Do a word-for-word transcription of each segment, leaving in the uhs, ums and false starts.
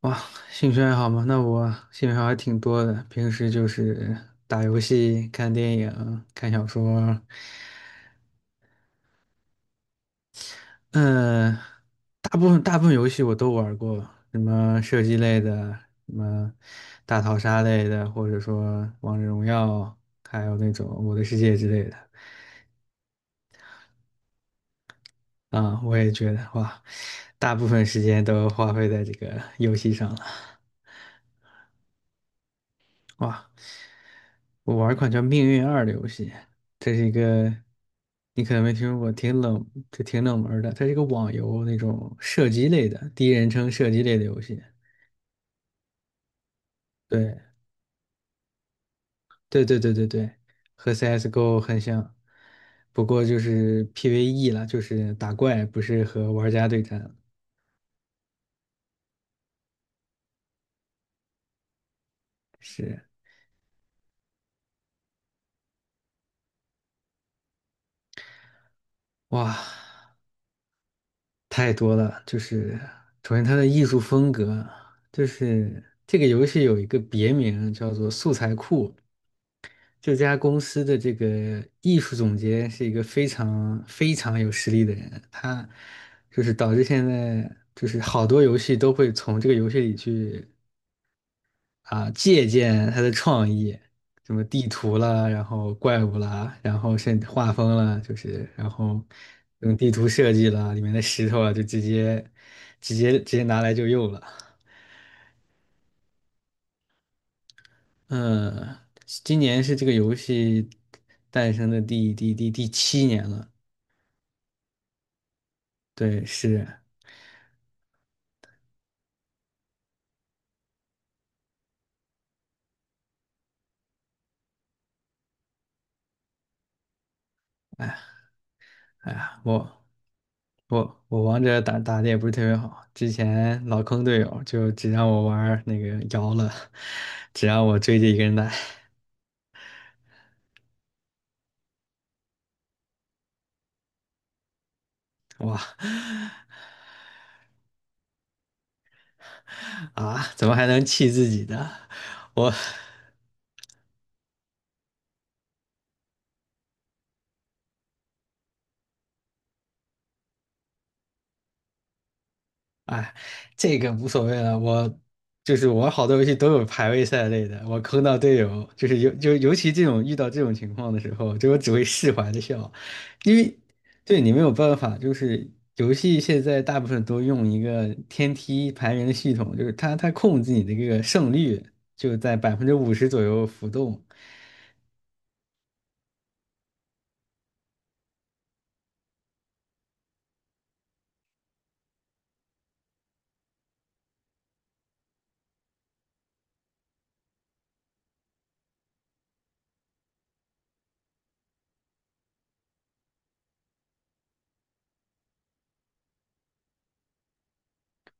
哇，兴趣爱好吗？那我兴趣爱好还挺多的。平时就是打游戏、看电影、看小说，嗯、大部分大部分游戏我都玩过，什么射击类的，什么大逃杀类的，或者说王者荣耀，还有那种我的世界之类的。啊、我也觉得哇，大部分时间都花费在这个游戏上了。哇，我玩一款叫《命运二》的游戏，这是一个你可能没听说过，挺冷，就挺冷门儿的。它是一个网游那种射击类的，第一人称射击类的游戏。对，对对对对对，和 C S G O 很像，不过就是 P V E 了，就是打怪，不是和玩家对战。是，哇，太多了。就是首先它的艺术风格，就是这个游戏有一个别名叫做"素材库"，这家公司的这个艺术总监是一个非常非常有实力的人，他就是导致现在就是好多游戏都会从这个游戏里去啊借鉴他的创意，什么地图啦，然后怪物啦，然后甚至画风啦，就是然后用地图设计啦，里面的石头啊，就直接直接直接拿来就用了。嗯，今年是这个游戏诞生的第第第第七年了。对，是，哎呀，我我我王者打打的也不是特别好，之前老坑队友，就只让我玩儿那个瑶了，只让我追着一个人打，哇啊，怎么还能气自己的？我哎这个无所谓了，我就是我好多游戏都有排位赛类的，我坑到队友，就是尤就尤其这种遇到这种情况的时候，就我只会释怀的笑，因为对你没有办法，就是游戏现在大部分都用一个天梯排名的系统，就是它它控制你的这个胜率就在百分之五十左右浮动，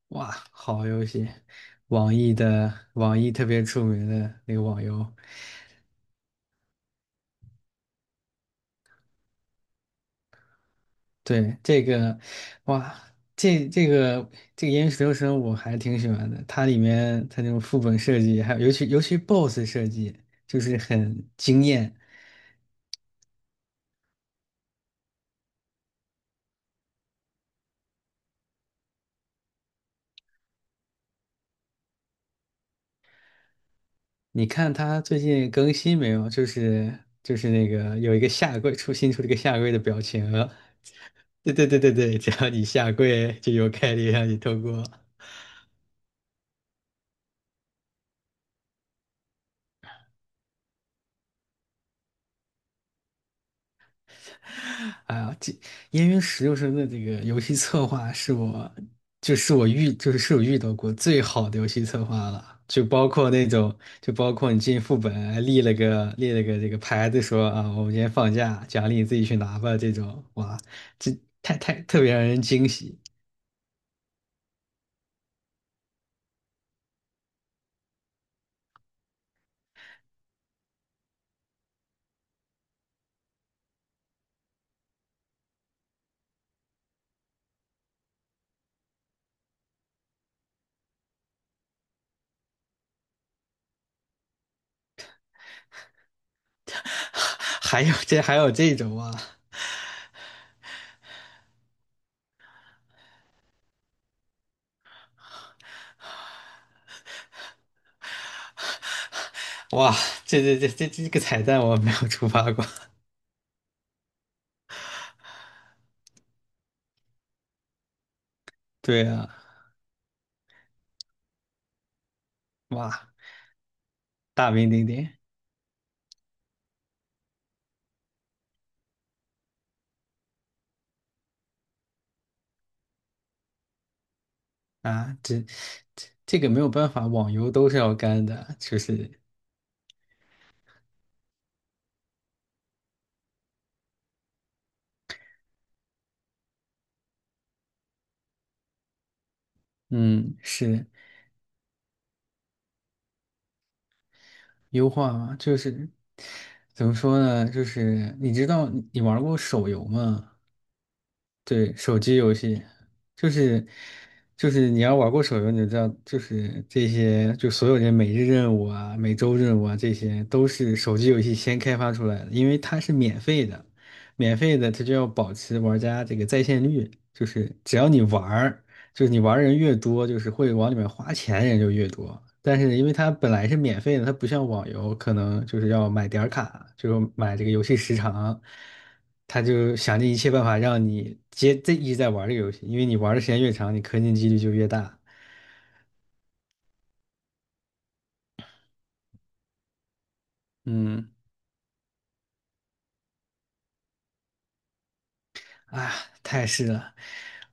哇，好游戏，网易的网易特别出名的那个网游。对，这个，哇，这这个这个《岩与石头声》我还挺喜欢的，它里面它那种副本设计，还有尤其尤其 BOSS 设计，就是很惊艳。你看它最近更新没有？就是就是那个有一个下跪出新出了一个下跪的表情，对对对对对，只要你下跪就有概率让你通过。哎呀，这《烟云十六声》的这个游戏策划是我，就是我遇，就是是我遇到过最好的游戏策划了。就包括那种，就包括你进副本还立了个立了个这个牌子说啊，我们今天放假，奖励你自己去拿吧。这种哇，这太太特别让人惊喜。还有这还有这种啊，哇，这这这这这个彩蛋我没有触发过。对啊，哇，大名鼎鼎。啊，这这这个没有办法，网游都是要干的，就是嗯，是优化嘛，就是怎么说呢，就是你知道你你玩过手游吗？对，手机游戏就是就是你要玩过手游，你就知道，就是这些就所有这每日任务啊、每周任务啊，这些都是手机游戏先开发出来的，因为它是免费的，免费的它就要保持玩家这个在线率，就是只要你玩儿。就是你玩人越多，就是会往里面花钱人就越多。但是因为它本来是免费的，它不像网游，可能就是要买点儿卡，就是买这个游戏时长，他就想尽一切办法让你接这一直在玩这个游戏，因为你玩的时间越长，你氪金几率就越大。嗯，啊，太是了。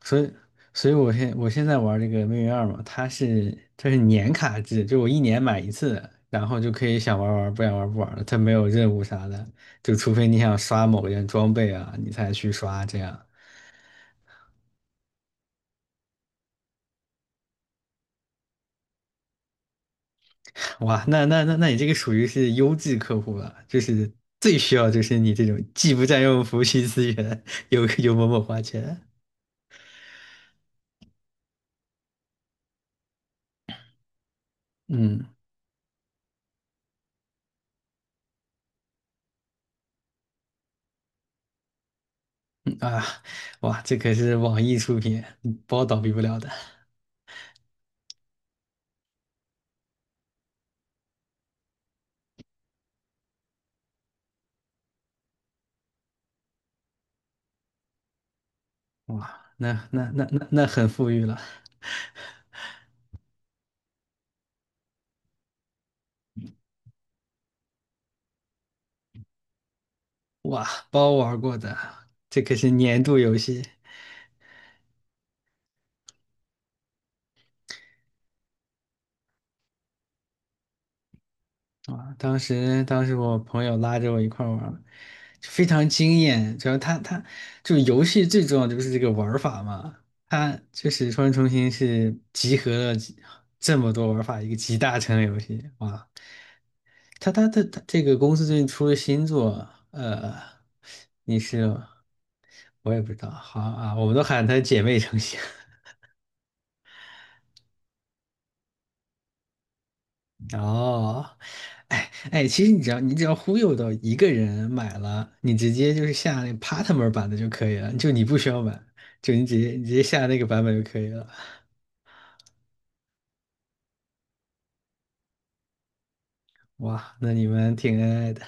所以，所以我现我现在玩这个《命运二》嘛，它是它是年卡制，就我一年买一次，然后就可以想玩玩，不想玩不玩了。它没有任务啥的，就除非你想刷某件装备啊，你才去刷这样。哇，那那那那你这个属于是优质客户了，就是最需要就是你这种既不占用服务器资源，又又默默花钱。嗯嗯啊，哇，这可是网易出品，嗯包倒闭不了的。哇，那那那那那很富裕了。哇，包玩过的，这可是年度游戏啊！当时当时我朋友拉着我一块儿玩儿就非常惊艳。主要他，他就是游戏最重要的就是这个玩儿法嘛，它就是《双人成行》是集合了几这么多玩儿法一个集大成的游戏哇！他，他，他，他这个公司最近出了新作，呃，你是我也不知道，好啊，我们都喊它姐妹成市。哦，哎哎，其实你只要你只要忽悠到一个人买了，你直接就是下那 partner 版的就可以了，就你不需要买，就你直接你直接下那个版本就可以了。哇，那你们挺恩爱的。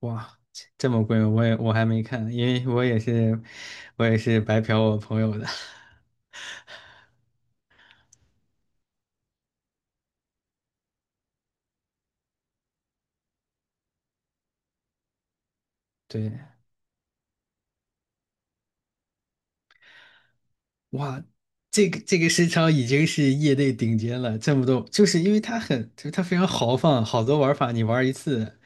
哇，这么贵我也我还没看，因为我也是我也是白嫖我朋友的。对，哇，这个这个市场已经是业内顶尖了，这么多，就是因为它很，就是它非常豪放，好多玩法你玩一次，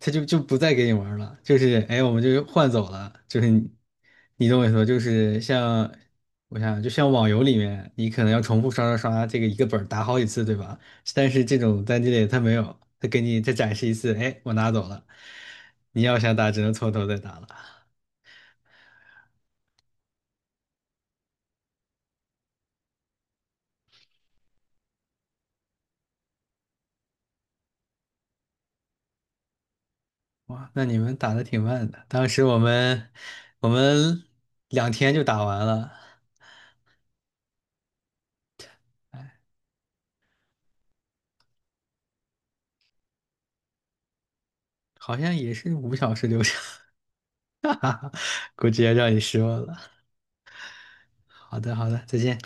它就就不再给你玩了，就是哎，我们就换走了，就是你，你懂我意思吧？就是像我想，就像网游里面，你可能要重复刷刷刷，这个一个本儿打好几次，对吧？但是这种单机类它没有，它给你再展示一次，哎，我拿走了，你要想打只能从头再打了。哇，那你们打的挺慢的。当时我们我们两天就打完了，哎，好像也是五小时流程，估计要让你失望了。好的，好的，再见。